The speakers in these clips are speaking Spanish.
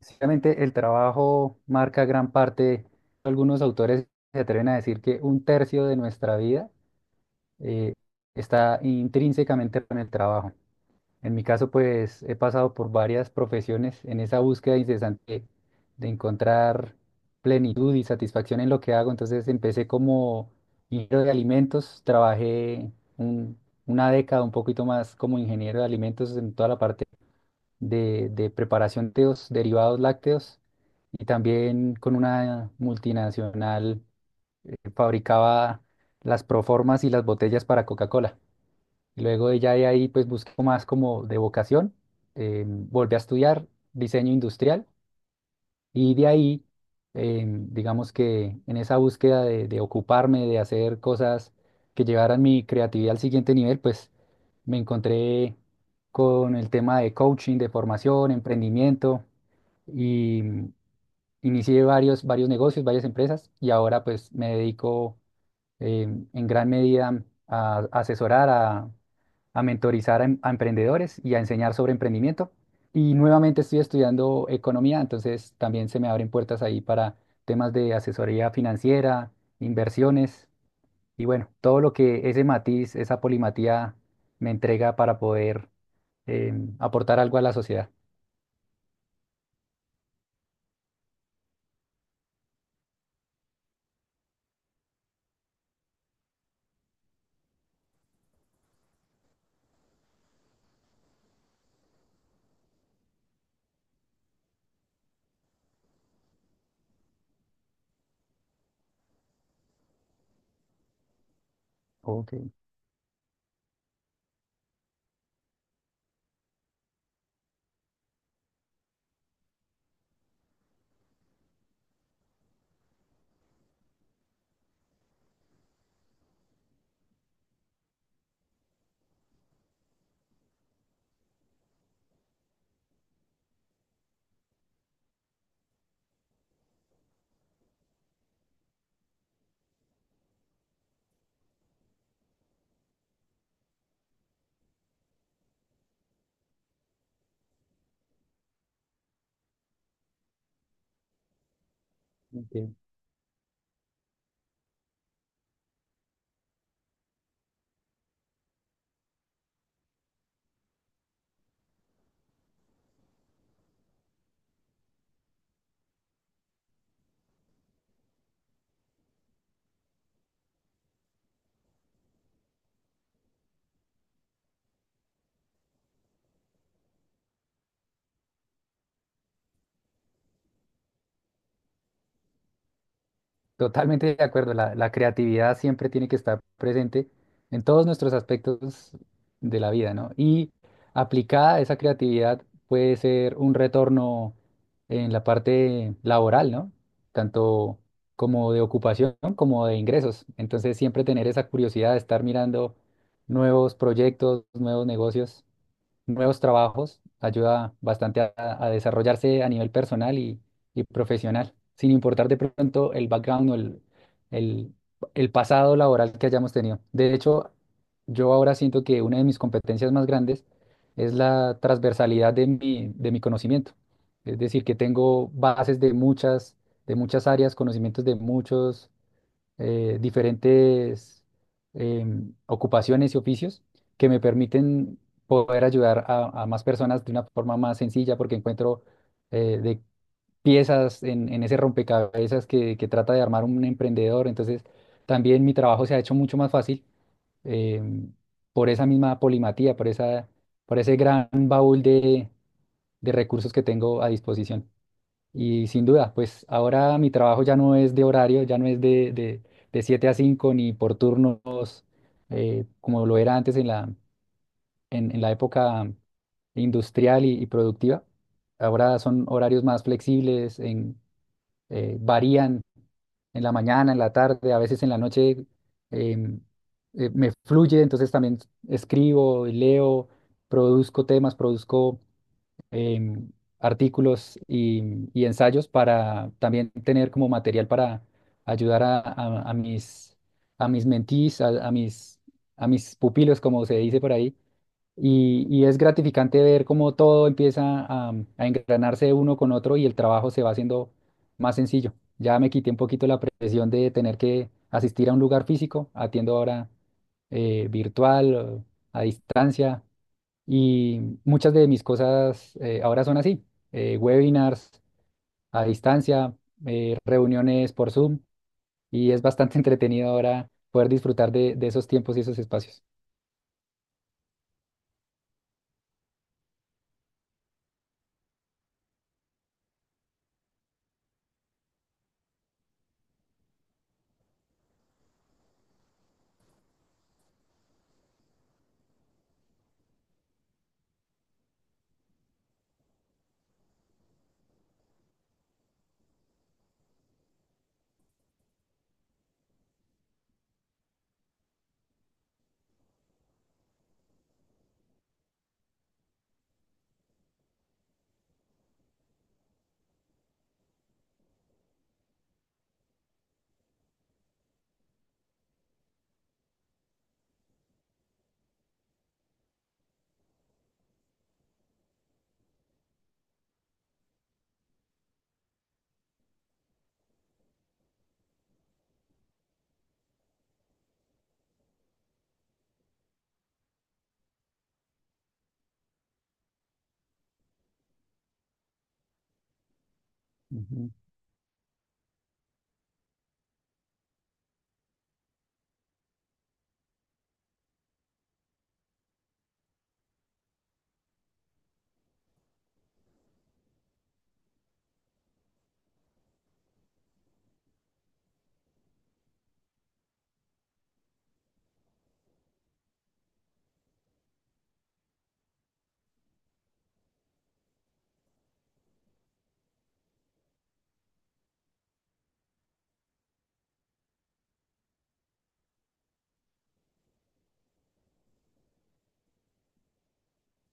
Básicamente, el trabajo marca gran parte. Algunos autores se atreven a decir que un tercio de nuestra vida eh, está intrínsecamente con el trabajo. En mi caso, pues he pasado por varias profesiones en esa búsqueda incesante de encontrar plenitud y satisfacción en lo que hago. Entonces empecé como ingeniero de alimentos, trabajé un- una década un poquito más como ingeniero de alimentos en toda la parte de preparación de los derivados lácteos y también con una multinacional fabricaba las proformas y las botellas para Coca-Cola. Y luego ella de ahí pues buscó más como de vocación, volvió a estudiar diseño industrial y de ahí, digamos que en esa búsqueda de ocuparme, de hacer cosas que llevaran mi creatividad al siguiente nivel, pues me encontré con el tema de coaching, de formación, emprendimiento y inicié varios negocios, varias empresas y ahora pues me dedico eh, en gran medida a asesorar, a mentorizar a emprendedores y a enseñar sobre emprendimiento. Y nuevamente estoy estudiando economía, entonces también se me abren puertas ahí para temas de asesoría financiera, inversiones y bueno, todo lo que ese matiz, esa polimatía me entrega para poder aportar algo a la sociedad. Ok, entiendo. Totalmente de acuerdo, la creatividad siempre tiene que estar presente en todos nuestros aspectos de la vida, ¿no? Y aplicada esa creatividad puede ser un retorno en la parte laboral, ¿no? Tanto como de ocupación como de ingresos. Entonces siempre tener esa curiosidad de estar mirando nuevos proyectos, nuevos negocios nuevos trabajos, ayuda bastante a desarrollarse a nivel personal y profesional, sin importar de pronto el background o el, el pasado laboral que hayamos tenido. De hecho, yo ahora siento que una de mis competencias más grandes es la transversalidad de mi conocimiento. Es decir, que tengo bases de muchas áreas, conocimientos de muchos diferentes ocupaciones y oficios que me permiten poder ayudar a más personas de una forma más sencilla porque encuentro de piezas en ese rompecabezas que trata de armar un emprendedor. Entonces, también mi trabajo se ha hecho mucho más fácil em, por esa misma polimatía, por esa, por ese gran baúl de recursos que tengo a disposición. Y sin duda, pues ahora mi trabajo ya no es de horario, ya no es de 7 a 5 ni por turnos como lo era antes en la época industrial y productiva. Ahora son horarios más flexibles, varían en la mañana, en la tarde, a veces en la noche em, me fluye, entonces también escribo, leo, produzco temas, produzco em, artículos y ensayos para también tener como material para ayudar a mis, a mis mentees, a mis pupilos, como se dice por ahí. Y es gratificante ver cómo todo empieza a, a engranarse uno con otro y el trabajo se va haciendo más sencillo. Ya me quité un poquito la presión de tener que asistir a un lugar físico, atiendo ahora virtual, a distancia. Y muchas de mis cosas ahora son así, webinars a distancia, reuniones por Zoom, y es bastante entretenido ahora poder disfrutar de esos tiempos y esos espacios. Ujú.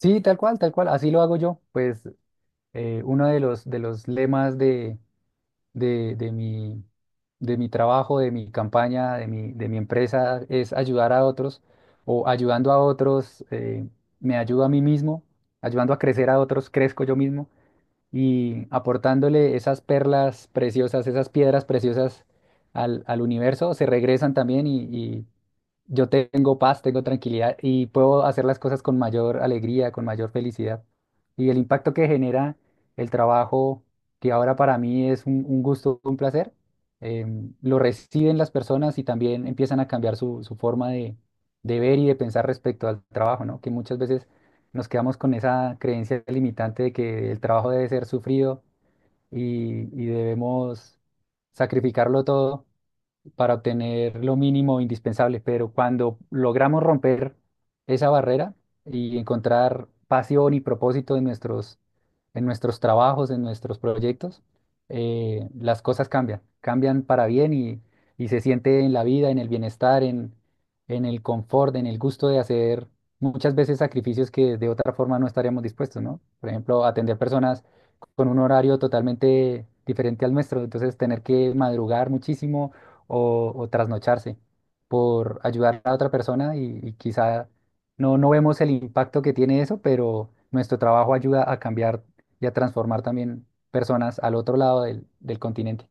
Sí, tal cual, así lo hago yo. Pues uno de los lemas de, de mi, de mi trabajo, de mi campaña, de mi empresa es ayudar a otros o ayudando a otros, me ayudo a mí mismo, ayudando a crecer a otros, crezco yo mismo. Y aportándole esas perlas preciosas, esas piedras preciosas al universo, se regresan también y yo tengo paz, tengo tranquilidad y puedo hacer las cosas con mayor alegría, con mayor felicidad. Y el impacto que genera el trabajo, que ahora para mí es un gusto, un placer, lo reciben las personas y también empiezan a cambiar su forma de ver y de pensar respecto al trabajo, ¿no? Que muchas veces nos quedamos con esa creencia limitante de que el trabajo debe ser sufrido y debemos sacrificarlo todo para obtener lo mínimo indispensable, pero cuando logramos romper esa barrera y encontrar pasión y propósito en nuestros trabajos, en nuestros proyectos, las cosas cambian, cambian para bien y se siente en la vida, en el bienestar, en el confort, en el gusto de hacer muchas veces sacrificios que de otra forma no estaríamos dispuestos, ¿no? Por ejemplo, atender personas con un horario totalmente diferente al nuestro, entonces tener que madrugar muchísimo o trasnocharse por ayudar a otra persona y quizá no vemos el impacto que tiene eso, pero nuestro trabajo ayuda a cambiar y a transformar también personas al otro lado del continente.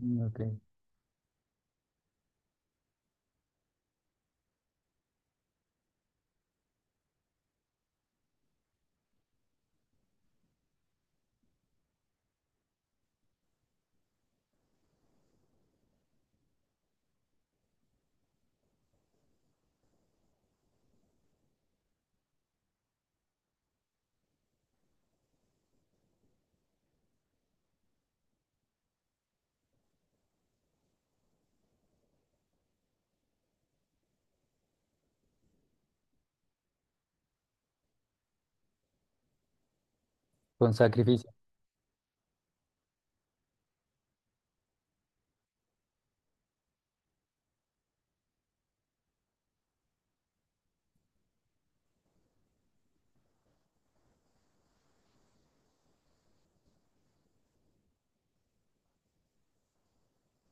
Mm, ok. Con sacrificio.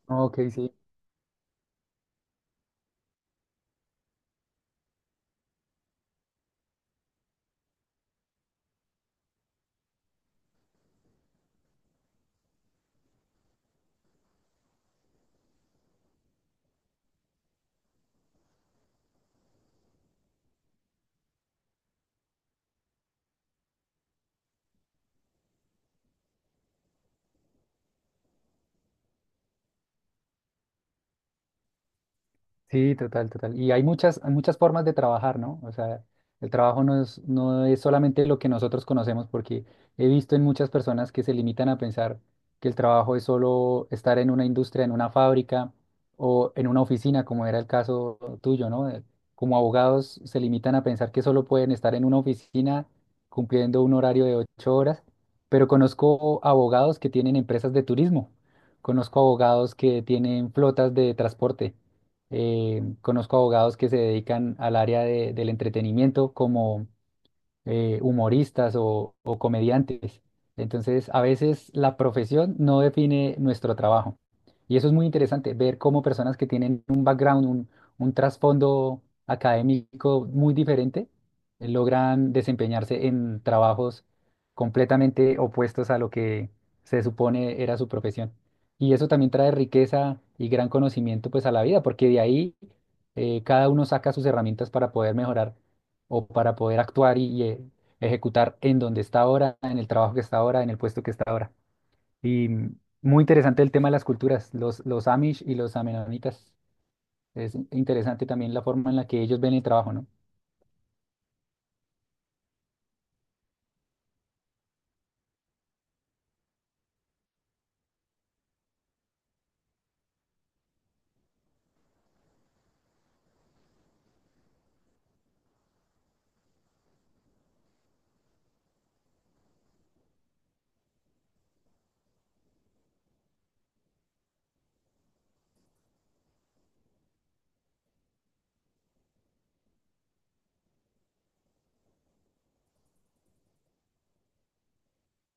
Ok, sí. Sí, total, total. Y hay muchas formas de trabajar, ¿no? O sea, el trabajo no es solamente lo que nosotros conocemos, porque he visto en muchas personas que se limitan a pensar que el trabajo es solo estar en una industria, en una fábrica o en una oficina, como era el caso tuyo, ¿no? Como abogados se limitan a pensar que solo pueden estar en una oficina cumpliendo un horario de 8 horas, pero conozco abogados que tienen empresas de turismo, conozco abogados que tienen flotas de transporte conozco abogados que se dedican al área del entretenimiento, como humoristas o comediantes. Entonces, a veces la profesión no define nuestro trabajo. Y eso es muy interesante, ver cómo personas que tienen un background, un trasfondo académico muy diferente, logran desempeñarse en trabajos completamente opuestos a lo que se supone era su profesión. Y eso también trae riqueza y gran conocimiento pues a la vida, porque de ahí cada uno saca sus herramientas para poder mejorar o para poder actuar y, ejecutar en donde está ahora, en el trabajo que está ahora, en el puesto que está ahora. Y muy interesante el tema de las culturas, los Amish y los Amenonitas. Es interesante también la forma en la que ellos ven el trabajo, ¿no?